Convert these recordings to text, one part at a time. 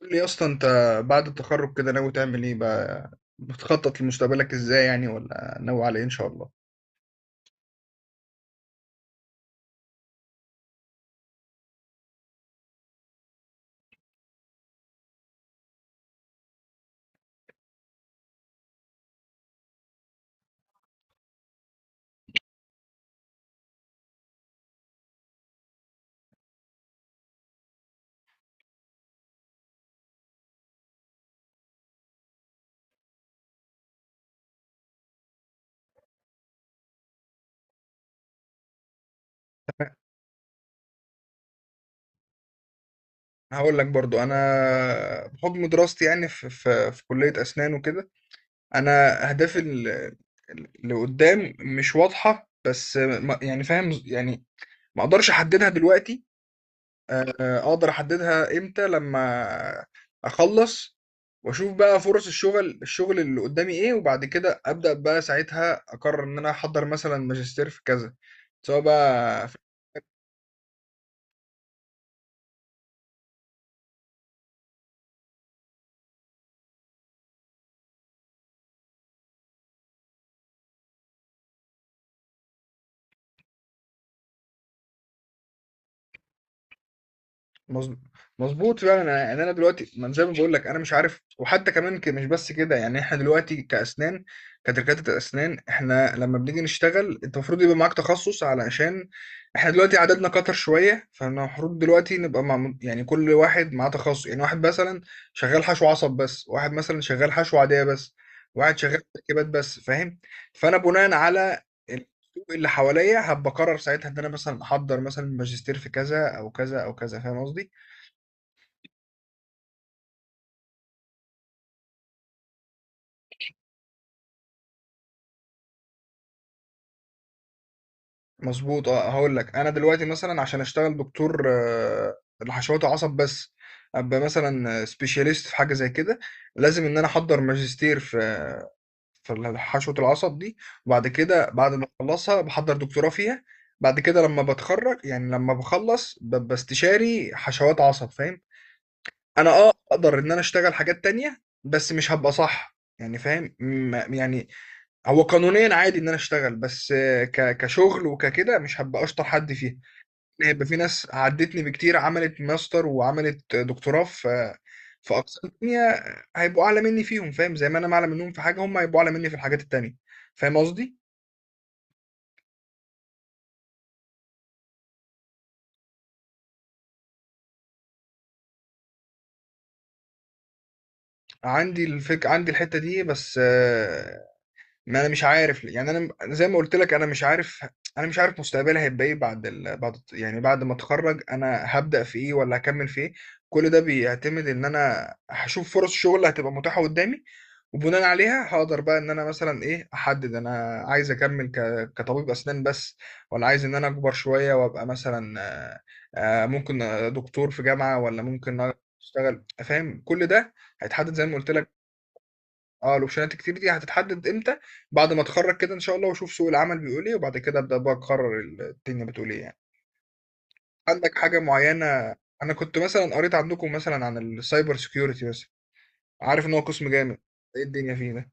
قول لي يا اسطى، انت بعد التخرج كده ناوي تعمل ايه بقى؟ بتخطط لمستقبلك ازاي يعني، ولا ناوي على ايه ان شاء الله؟ هقول لك برضو، انا بحكم دراستي يعني في كلية اسنان وكده، انا اهدافي اللي قدام مش واضحة، بس يعني فاهم يعني، ما اقدرش احددها دلوقتي. آه، اقدر احددها امتى؟ لما اخلص واشوف بقى فرص الشغل اللي قدامي ايه، وبعد كده ابدا بقى ساعتها اقرر ان انا احضر مثلا ماجستير في كذا، سواء بقى في... مظ- مظبوط فعلا. يعني انا، يعني أنا دلوقتي، ما أنا زي ما بقول لك انا مش عارف. وحتى كمان مش بس كده. يعني احنا دلوقتي كاسنان، كدكاتره الاسنان، احنا لما بنيجي نشتغل انت المفروض يبقى معاك تخصص، علشان احنا دلوقتي عددنا كتر شويه، فاحنا المفروض دلوقتي نبقى مع يعني كل واحد معاه تخصص. يعني واحد مثلا شغال حشو عصب بس، واحد مثلا شغال حشو عاديه بس، واحد شغال تركيبات بس، فاهم؟ فانا بناء على السوق اللي حواليا هبقرر ساعتها ان انا مثلا احضر مثلا ماجستير في كذا او كذا او كذا، فاهم قصدي؟ مظبوط اه. هقول لك، انا دلوقتي مثلا عشان اشتغل دكتور لحشوات عصب بس، ابقى مثلا سبيشاليست في حاجه زي كده، لازم ان انا احضر ماجستير في حشوه العصب دي، وبعد كده بعد ما اخلصها بحضر دكتوراه فيها. بعد كده لما بتخرج، يعني لما بخلص، ببقى استشاري حشوات عصب، فاهم؟ انا اقدر ان انا اشتغل حاجات تانية بس مش هبقى صح، يعني فاهم، يعني هو قانونيا عادي ان انا اشتغل، بس كشغل وككده مش هبقى اشطر حد فيها، لأن هيبقى في ناس عدتني بكتير عملت ماستر وعملت دكتوراه في اقسام تانية، هيبقوا اعلى مني فيهم، فاهم؟ زي ما انا اعلى منهم في حاجه، هم هيبقوا اعلى مني في الحاجات التانية، فاهم قصدي؟ عندي الحته دي بس، ما انا مش عارف ليه. يعني أنا زي ما قلت لك، انا مش عارف. انا مش عارف مستقبلي هيبقى ايه بعد ال... بعد يعني بعد ما اتخرج، انا هبدأ في ايه ولا هكمل في ايه. كل ده بيعتمد ان انا هشوف فرص شغل هتبقى متاحة قدامي، وبناء عليها هقدر بقى ان انا مثلا ايه، احدد انا عايز اكمل كطبيب اسنان بس، ولا عايز ان انا اكبر شوية وابقى مثلا ممكن دكتور في جامعة، ولا ممكن اشتغل، فاهم؟ كل ده هيتحدد زي ما قلت لك. اه، الاوبشنات كتير دي هتتحدد امتى؟ بعد ما اتخرج كده ان شاء الله، واشوف سوق العمل بيقول ايه، وبعد كده ابدا بقى اقرر الدنيا بتقول ايه يعني. عندك حاجه معينه؟ انا كنت مثلا قريت عندكم مثلا عن السايبر سيكيورتي مثلا، عارف ان هو قسم جامد. ايه الدنيا فيه ده؟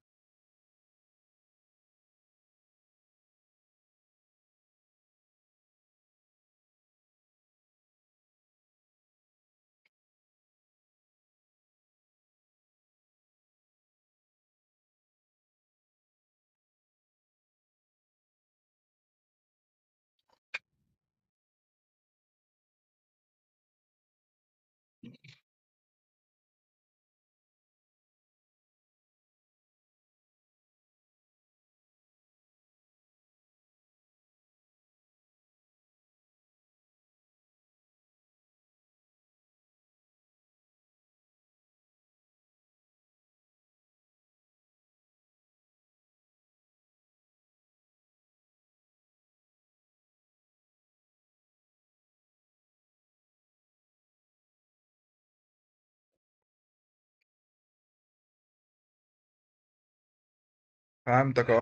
فهمتك اه.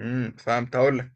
فهمت، هقول لك.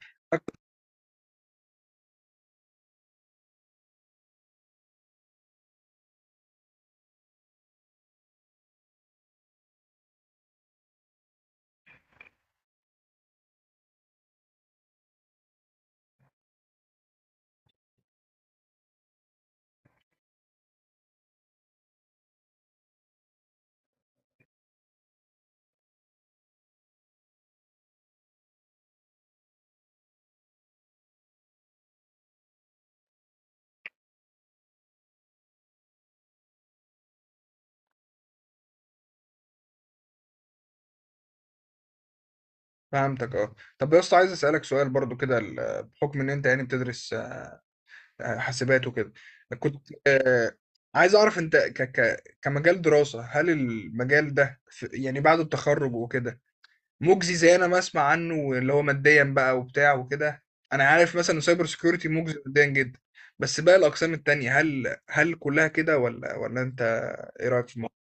فهمتك اه. طب يا اسطى، عايز اسالك سؤال برضو كده، بحكم ان انت يعني بتدرس حاسبات وكده، كنت عايز اعرف، انت ك ك كمجال دراسه، هل المجال ده يعني بعد التخرج وكده مجزي زي انا ما اسمع عنه، اللي هو ماديا بقى وبتاع وكده؟ انا عارف مثلا إن سايبر سيكيورتي مجزي ماديا جدا، بس باقي الاقسام التانية، هل كلها كده ولا انت ايه رايك في الموضوع؟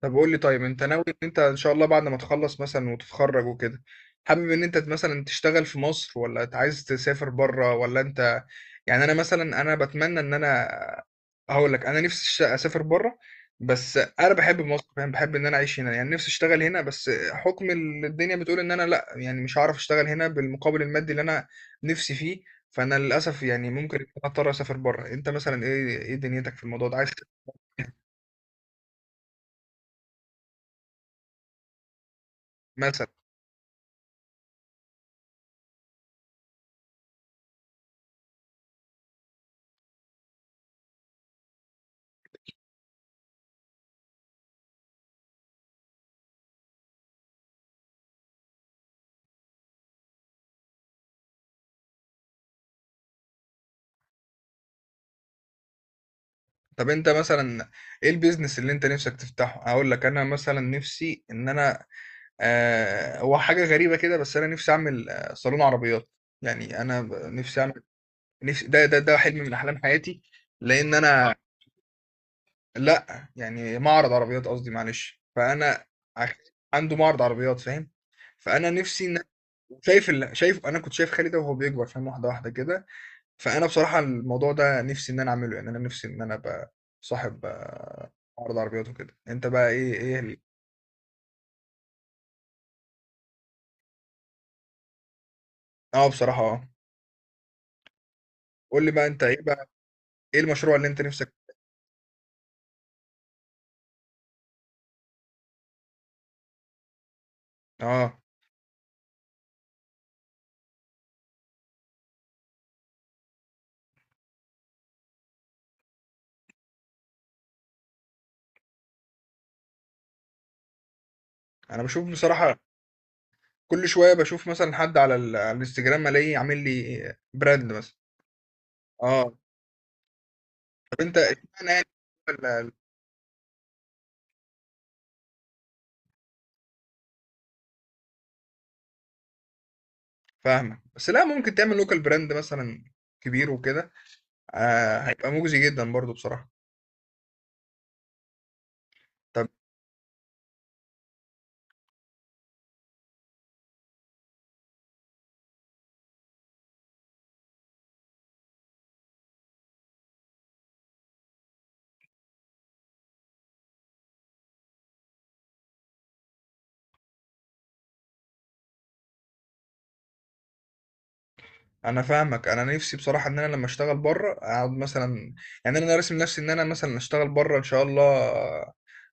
طب قول لي، طيب انت ناوي ان انت ان شاء الله بعد ما تخلص مثلا وتتخرج وكده، حابب ان انت مثلا تشتغل في مصر، ولا انت عايز تسافر بره، ولا انت... يعني انا مثلا، انا بتمنى ان انا، هقول لك، انا نفسي اسافر بره، بس انا بحب مصر، فاهم؟ بحب ان انا اعيش هنا، يعني نفسي اشتغل هنا، بس حكم الدنيا بتقول ان انا لا، يعني مش هعرف اشتغل هنا بالمقابل المادي اللي انا نفسي فيه. فانا للاسف يعني ممكن اضطر اسافر بره. انت مثلا، ايه دنيتك في الموضوع ده؟ عايز مثلا... طب انت مثلا ايه البيزنس اللي انت نفسك تفتحه؟ هقول لك انا مثلا نفسي ان انا، هو حاجه غريبه كده بس انا نفسي اعمل صالون عربيات. يعني انا نفسي ده حلم من احلام حياتي، لان انا... لا، يعني معرض عربيات قصدي، معلش. فانا ع- عنده معرض عربيات، فاهم؟ فانا نفسي ان... شايف ال... شايف انا كنت شايف خالد ده وهو بيكبر، فاهم؟ واحده واحده كده. فأنا بصراحة الموضوع ده نِفْسي إن أنا أعمله، يعني أنا نِفْسي إن أنا أبقى صاحب عَرْض عربيات وكده. أنت بقى إيه آه، بصراحة، آه. قُل لي بقى أنت إيه بقى، إيه المشروع اللي أنت نِفْسك... آه. أنا باشوف بصراحة كل شوية، باشوف مثلًا حد على على الإنستجرام ألاقيه عامل لي brand مثلًا. آه. طب أنت اشمعنى يعني ال ال فاهمك. بس لأ، ممكن تعمل local brand مثلًا كبير وكده، هيبقى مُجزي جدًا برضه بصراحة. طب انا فاهمك، انا نفسي بصراحه ان انا لما اشتغل بره اقعد مثلا، يعني انا راسم نفسي ان انا مثلا اشتغل بره ان شاء الله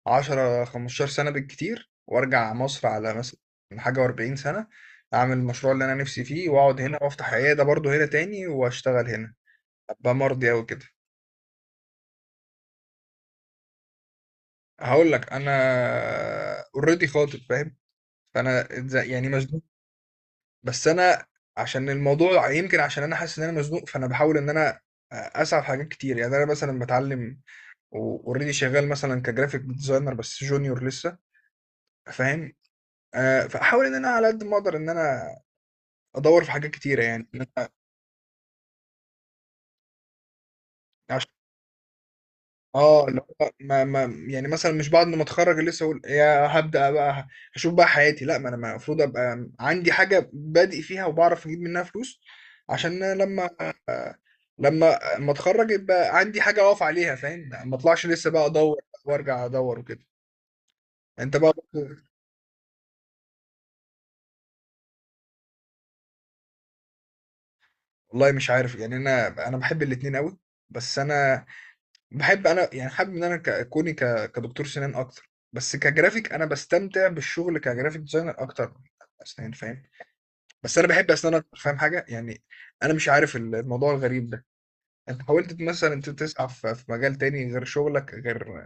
10 15 سنه بالكتير، وارجع مصر على مثلا حاجه و40 سنه، اعمل المشروع اللي انا نفسي فيه، واقعد هنا وافتح عياده برضه هنا تاني، واشتغل هنا، ابقى مرضي اوي كده. هقول لك انا اوريدي خاطب، فاهم؟ فانا يعني مزنوق، بس انا عشان الموضوع يمكن، عشان انا حاسس ان انا مزنوق، فانا بحاول ان انا اسعى في حاجات كتير. يعني انا مثلا بتعلم، واوريدي شغال مثلا كجرافيك ديزاينر بس جونيور لسه، فاهم؟ فاحاول ان انا على قد ما اقدر ان انا ادور في حاجات كتيره، يعني عشان اه اللي هو ما يعني، مثلا مش بعد ما اتخرج لسه اقول يا هبدا بقى هشوف بقى حياتي، لا، ما انا المفروض ابقى عندي حاجه بادئ فيها وبعرف اجيب منها فلوس، عشان لما ما اتخرج يبقى عندي حاجه اقف عليها، فاهم؟ ما اطلعش لسه بقى ادور وارجع ادور وكده. انت بقى؟ والله مش عارف، يعني أنا باحب الاتنين أوي، بس أنا باحب، أنا يعني حابب إن أنا ك كوني ك كدكتور سنان أكتر، بس كGraphic أنا باستمتع بالشغل كGraphic Designer أكتر من أسنان، فاهم؟ بس أنا باحب أسنان أكتر، فاهم حاجة؟ يعني أنا مش عارف الموضوع الغريب ده. أنت حاولت مثلًا أنت تسعى في مجال تاني غير شغلك، غير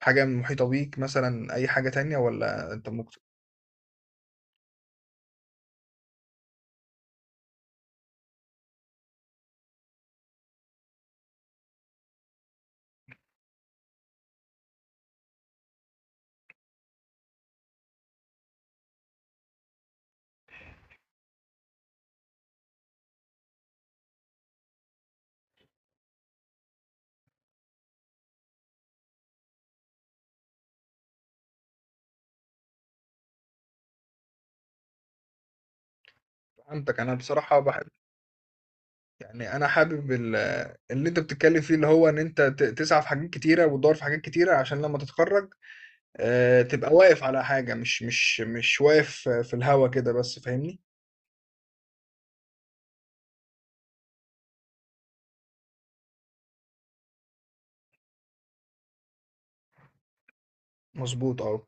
حاجة محيطة بيك، مثلًا أي حاجة تانية، والّا أنت مكت... فهمتك، أنا بصراحة باحب، يعني انا حابب اللي انت بتتكلم فيه، اللي هو ان انت تسعى في حاجات كتيره وتدور في حاجات كتيره، عشان لما تتخرج تبقى واقف على حاجه، مش واقف في الهوا كده بس، فاهمني؟ مظبوط اه.